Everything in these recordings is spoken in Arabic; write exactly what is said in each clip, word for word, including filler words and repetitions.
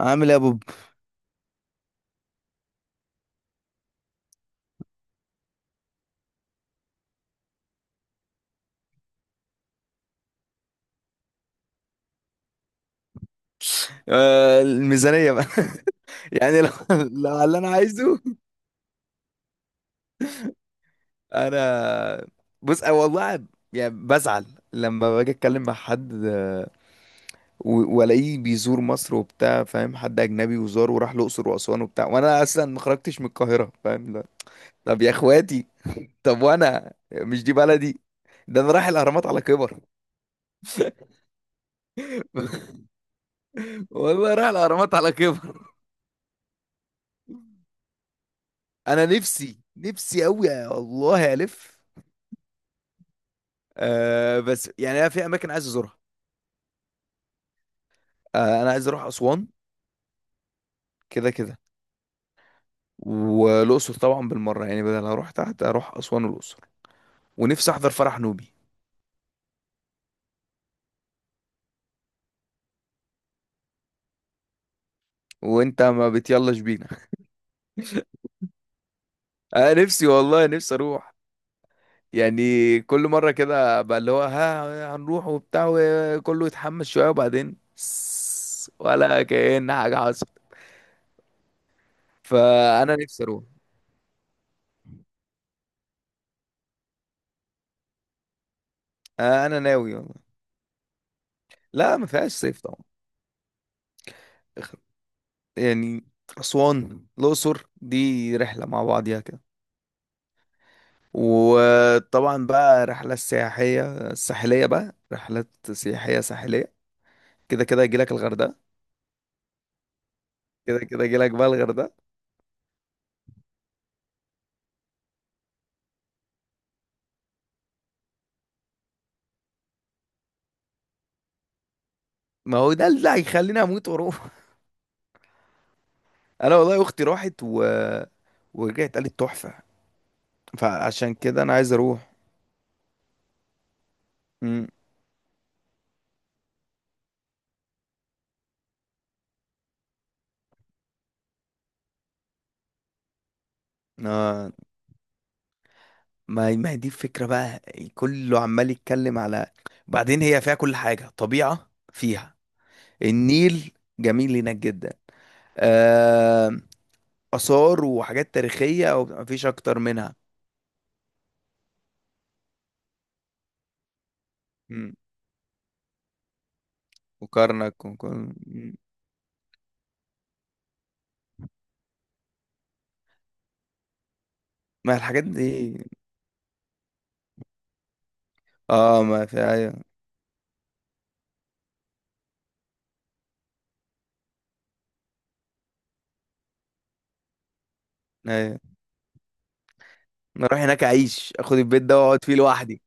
عامل ايه يا بوب؟ آه، الميزانية بقى. يعني لو لو على اللي انا عايزه. انا بص، أنا والله يعني بزعل لما باجي اتكلم مع حد، آه، و- والاقيه بيزور مصر وبتاع، فاهم؟ حد اجنبي وزار وراح الاقصر واسوان وبتاع، وانا اصلا ما خرجتش من القاهرة، فاهم؟ لا. طب يا اخواتي، طب وانا مش دي بلدي؟ ده انا رايح الاهرامات على كبر. والله رايح الاهرامات على كبر. انا نفسي نفسي قوي، يا الله الف. آه بس يعني انا في اماكن عايز ازورها. آه انا عايز اروح اسوان كده كده، والاقصر طبعا بالمره. يعني بدل هروح تحت اروح اسوان والاقصر، ونفسي احضر فرح نوبي. وانت ما بتيلاش بينا؟ آه نفسي والله نفسي اروح. يعني كل مره كده بقى اللي هو ها هنروح وبتاع، وكله يتحمس شويه وبعدين سس، ولا كأن حاجه حصلت. فانا نفسي اروح. آه انا ناوي والله. لا ما فيهاش صيف طبعا. يعني اسوان الاقصر دي رحله مع بعضيها كده. وطبعا بقى رحلة سياحية ساحلية، بقى رحلات سياحية ساحلية. كده كده يجيلك الغردقة. كده كده يجيلك بقى الغردقة. ما هو ده اللي هيخليني اموت واروح. انا والله اختي راحت و... ورجعت قالت تحفة. فعشان كده انا عايز اروح. امم، آه. ما هي- ما هي دي الفكرة بقى. كله عمال يتكلم على، بعدين هي فيها كل حاجة، طبيعة فيها النيل، جميل هناك جدا. آه، آثار وحاجات تاريخية ومفيش أكتر منها. مم. وكرنك وكل... مم. ما الحاجات دي. اه، ما في، ايوه. ايوه، أنا اروح هناك اعيش، اخد البيت ده واقعد فيه لوحدي.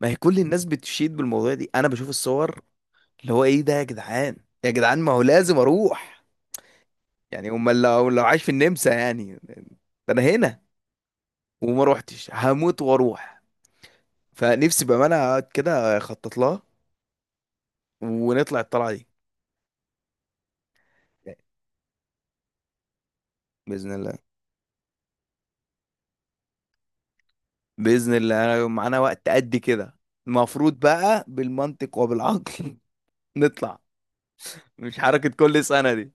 ما هي كل الناس بتشيد بالموضوع دي، انا بشوف الصور اللي هو ايه ده يا جدعان؟ يا جدعان، ما هو لازم اروح. يعني امال لو لو عايش في النمسا يعني ده؟ انا هنا وما روحتش، هموت واروح. فنفسي بامانه اقعد كده اخطط لها، ونطلع الطلعه دي. بإذن الله. بإذن الله. أنا يوم معانا وقت قد كده، المفروض بقى بالمنطق وبالعقل نطلع، مش حركة كل سنة دي.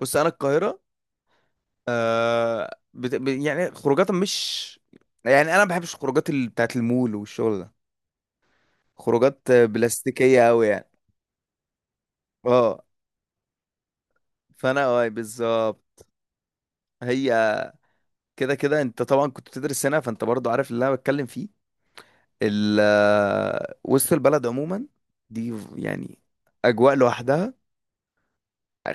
بص أنا القاهرة، آه بت... ب... يعني خروجات مش، يعني أنا ما بحبش الخروجات ال... بتاعت المول والشغل ده، خروجات آه، بلاستيكية أوي يعني. اه، فأنا اه بالظبط. هي كده كده أنت طبعا كنت بتدرس هنا، فأنت برضو عارف اللي أنا بتكلم فيه. ال... آه، وسط البلد عموما دي يعني أجواء لوحدها،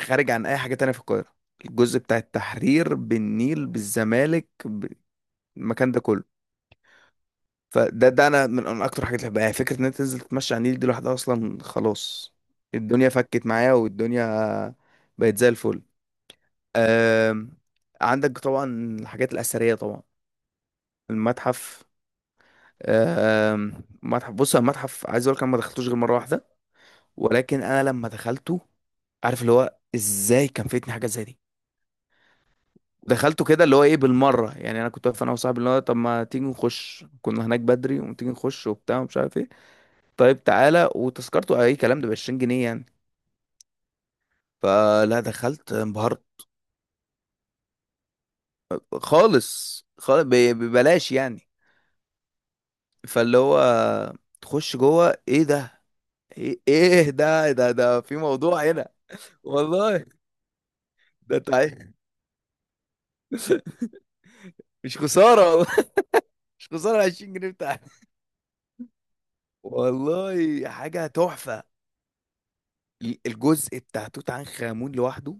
خارج عن اي حاجه تانية في القاهره. الجزء بتاع التحرير، بالنيل، بالزمالك، ب- المكان ده كله. فده ده انا من من اكتر حاجات اللي بحبها، يعني فكره ان انت تنزل تتمشى على النيل دي لوحدها اصلا خلاص، الدنيا فكت معايا والدنيا بقت زي الفل. آم، عندك طبعا الحاجات الاثريه طبعا، المتحف. آم، متحف، بص أنا المتحف عايز اقول لك أنا ما دخلتوش غير مره واحده، ولكن انا لما دخلته، عارف اللي هو ازاي كان فاتني حاجه زي دي. دخلته كده اللي هو ايه بالمره. يعني انا كنت واقف انا وصاحبي اللي هو طب ما تيجي نخش، كنا هناك بدري وتيجي نخش وبتاع ومش عارف ايه، طيب تعالى. وتذكرته اي كلام، ده ب عشرين جنيه يعني. فلا دخلت، انبهرت. خالص خالص، ب- ببلاش يعني. فاللي هو تخش جوه، ايه ده؟ ايه إيه ده ده ده في موضوع هنا. والله. ده تعال مش خساره والله، مش خساره عشرين جنيه بتاعتي، والله حاجه تحفه. الجزء بتاع توت عنخ امون لوحده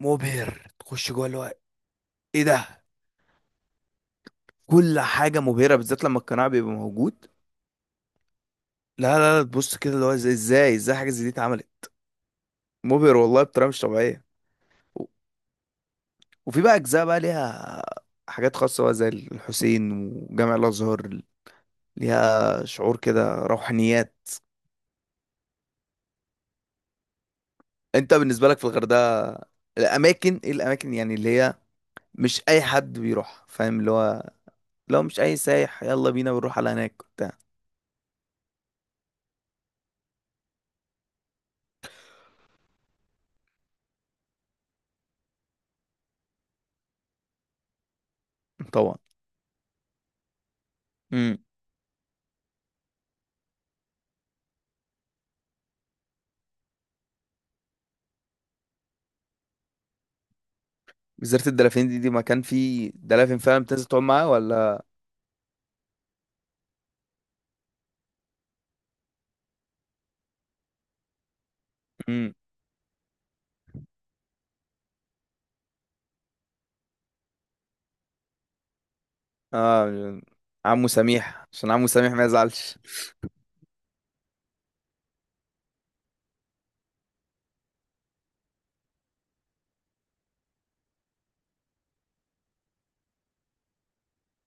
مبهر. تخش جوه اللي هو ايه ده؟ كل حاجه مبهره، بالذات لما القناع بيبقى موجود. لا لا لا تبص كده اللي هو ازاي ازاي ازاي حاجه زي دي اتعملت. مبهر والله بطريقه مش طبيعيه. و- وفي بقى اجزاء بقى ليها حاجات خاصه بقى زي الحسين وجامع الازهر، ليها شعور كده روحانيات. انت بالنسبه لك في الغردقه الاماكن ايه، الاماكن يعني اللي هي مش اي حد بيروح، فاهم اللي هو؟ لو مش اي سايح يلا بينا بنروح على هناك وبتاع طبعا. جزيرة الدلافين دي، دي مكان فيه دلافين فعلا بتنزل تقعد معاه، ولا؟ امم، اه. عمو سميح، عشان عمو سميح ما يزعلش.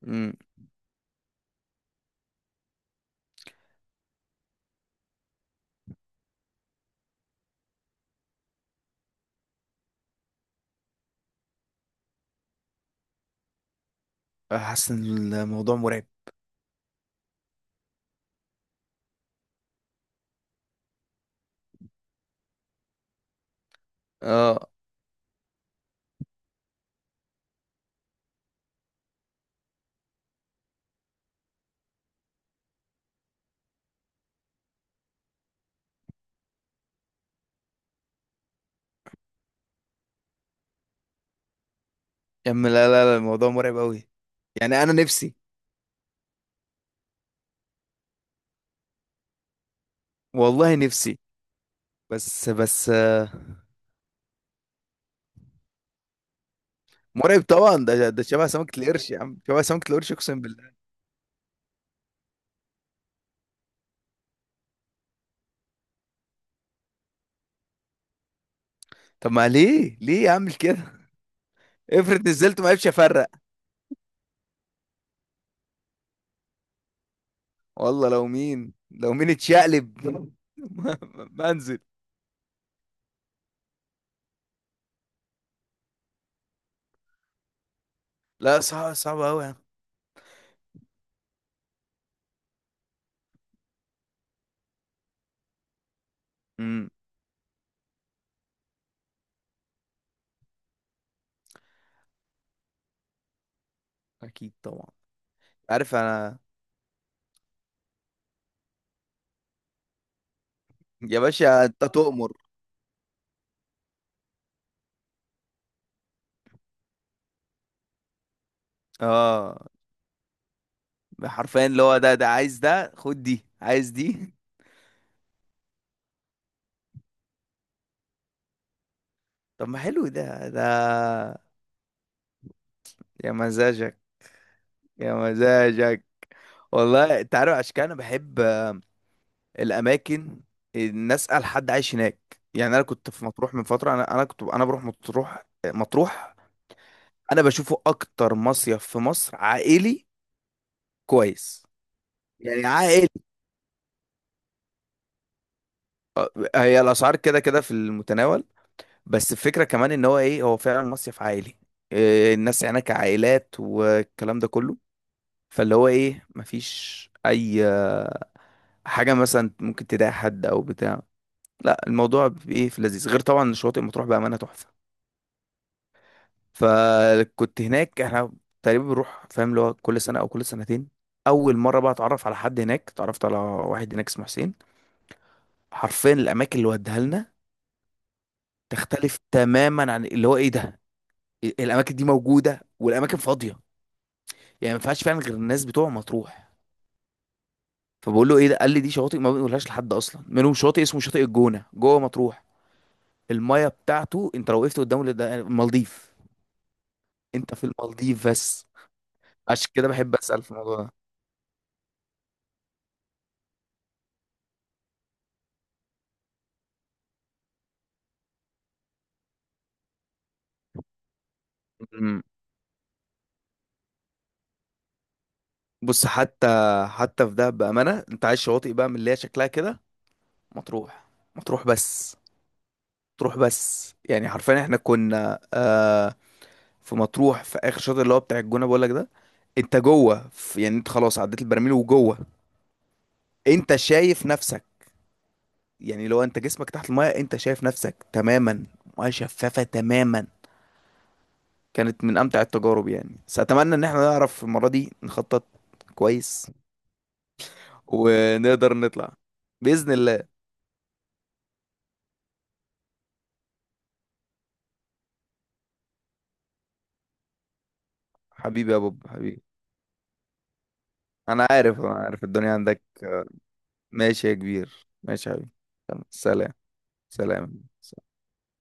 امم. حاسس ان الموضوع مرعب. اه، يا عم لا لا لا الموضوع مرعب قوي. يعني انا نفسي، والله نفسي. بس بس آه، مرعب طبعا. ده ده شبه سمكة القرش يا عم، شبه سمكة القرش، اقسم بالله. طب ما ليه، ليه اعمل كده؟ افرض نزلت ما عرفش افرق. والله لو مين، لو مين اتشقلب ما ما- ما انزل. لا صعب، صعب قوي يا عم. اكيد طبعا. عارف انا. يا باشا انت تؤمر. اه، حرفيا اللي هو ده، ده عايز ده، خد دي، عايز دي. طب ما حلو ده ده. يا مزاجك. يا مزاجك. والله انت عارف، عشان كده انا بحب الاماكن ان اسال حد عايش هناك. يعني انا كنت في مطروح من فتره، انا انا كنت انا بروح مطروح مطروح. انا بشوفه اكتر مصيف في مصر عائلي. كويس. يعني عائلي. هي الاسعار كده كده في المتناول، بس الفكرة كمان ان هو ايه، هو فعلا مصيف عائلي. إيه، الناس هناك عائلات والكلام ده كله، فاللي هو ايه مفيش اي آه، حاجة مثلا ممكن تضايق حد او بتاع. لا الموضوع ايه في لذيذ، غير طبعا شواطئ مطروح بأمانة تحفة. فكنت هناك، احنا تقريبا بنروح فاهم اللي هو كل سنة او كل سنتين. اول مرة بقى اتعرف على حد هناك، اتعرفت على واحد هناك اسمه حسين. حرفيا الاماكن اللي وديها لنا تختلف تماما عن اللي هو ايه ده. الاماكن دي موجودة والاماكن فاضية، يعني ما ينفعش فعلا غير الناس بتوع مطروح. فبقول له ايه ده، قال لي دي شواطئ ما بنقولهاش لحد، اصلا منهم شاطئ اسمه شاطئ الجونه جوه مطروح. المايه بتاعته انت لو وقفت قدامه ده المالديف، انت في المالديف بس. عشان كده بحب اسال في الموضوع ده. أمم. بص، حتى حتى في ده بامانه، انت عايز شواطئ بقى من اللي هي شكلها كده، مطروح. مطروح بس، مطروح بس. يعني حرفيا احنا كنا آه في مطروح في اخر شاطئ اللي هو بتاع الجونه، بقول لك ده انت جوه في- يعني انت خلاص عديت البراميل وجوه، انت شايف نفسك. يعني لو انت جسمك تحت المايه انت شايف نفسك تماما، ميه شفافه تماما. كانت من امتع التجارب يعني. بس اتمنى ان احنا نعرف المره دي نخطط كويس ونقدر نطلع باذن الله. حبيبي يا بوب، حبيبي. انا عارف، انا عارف الدنيا عندك. ماشي يا كبير، ماشي يا حبيبي. سلام. سلام.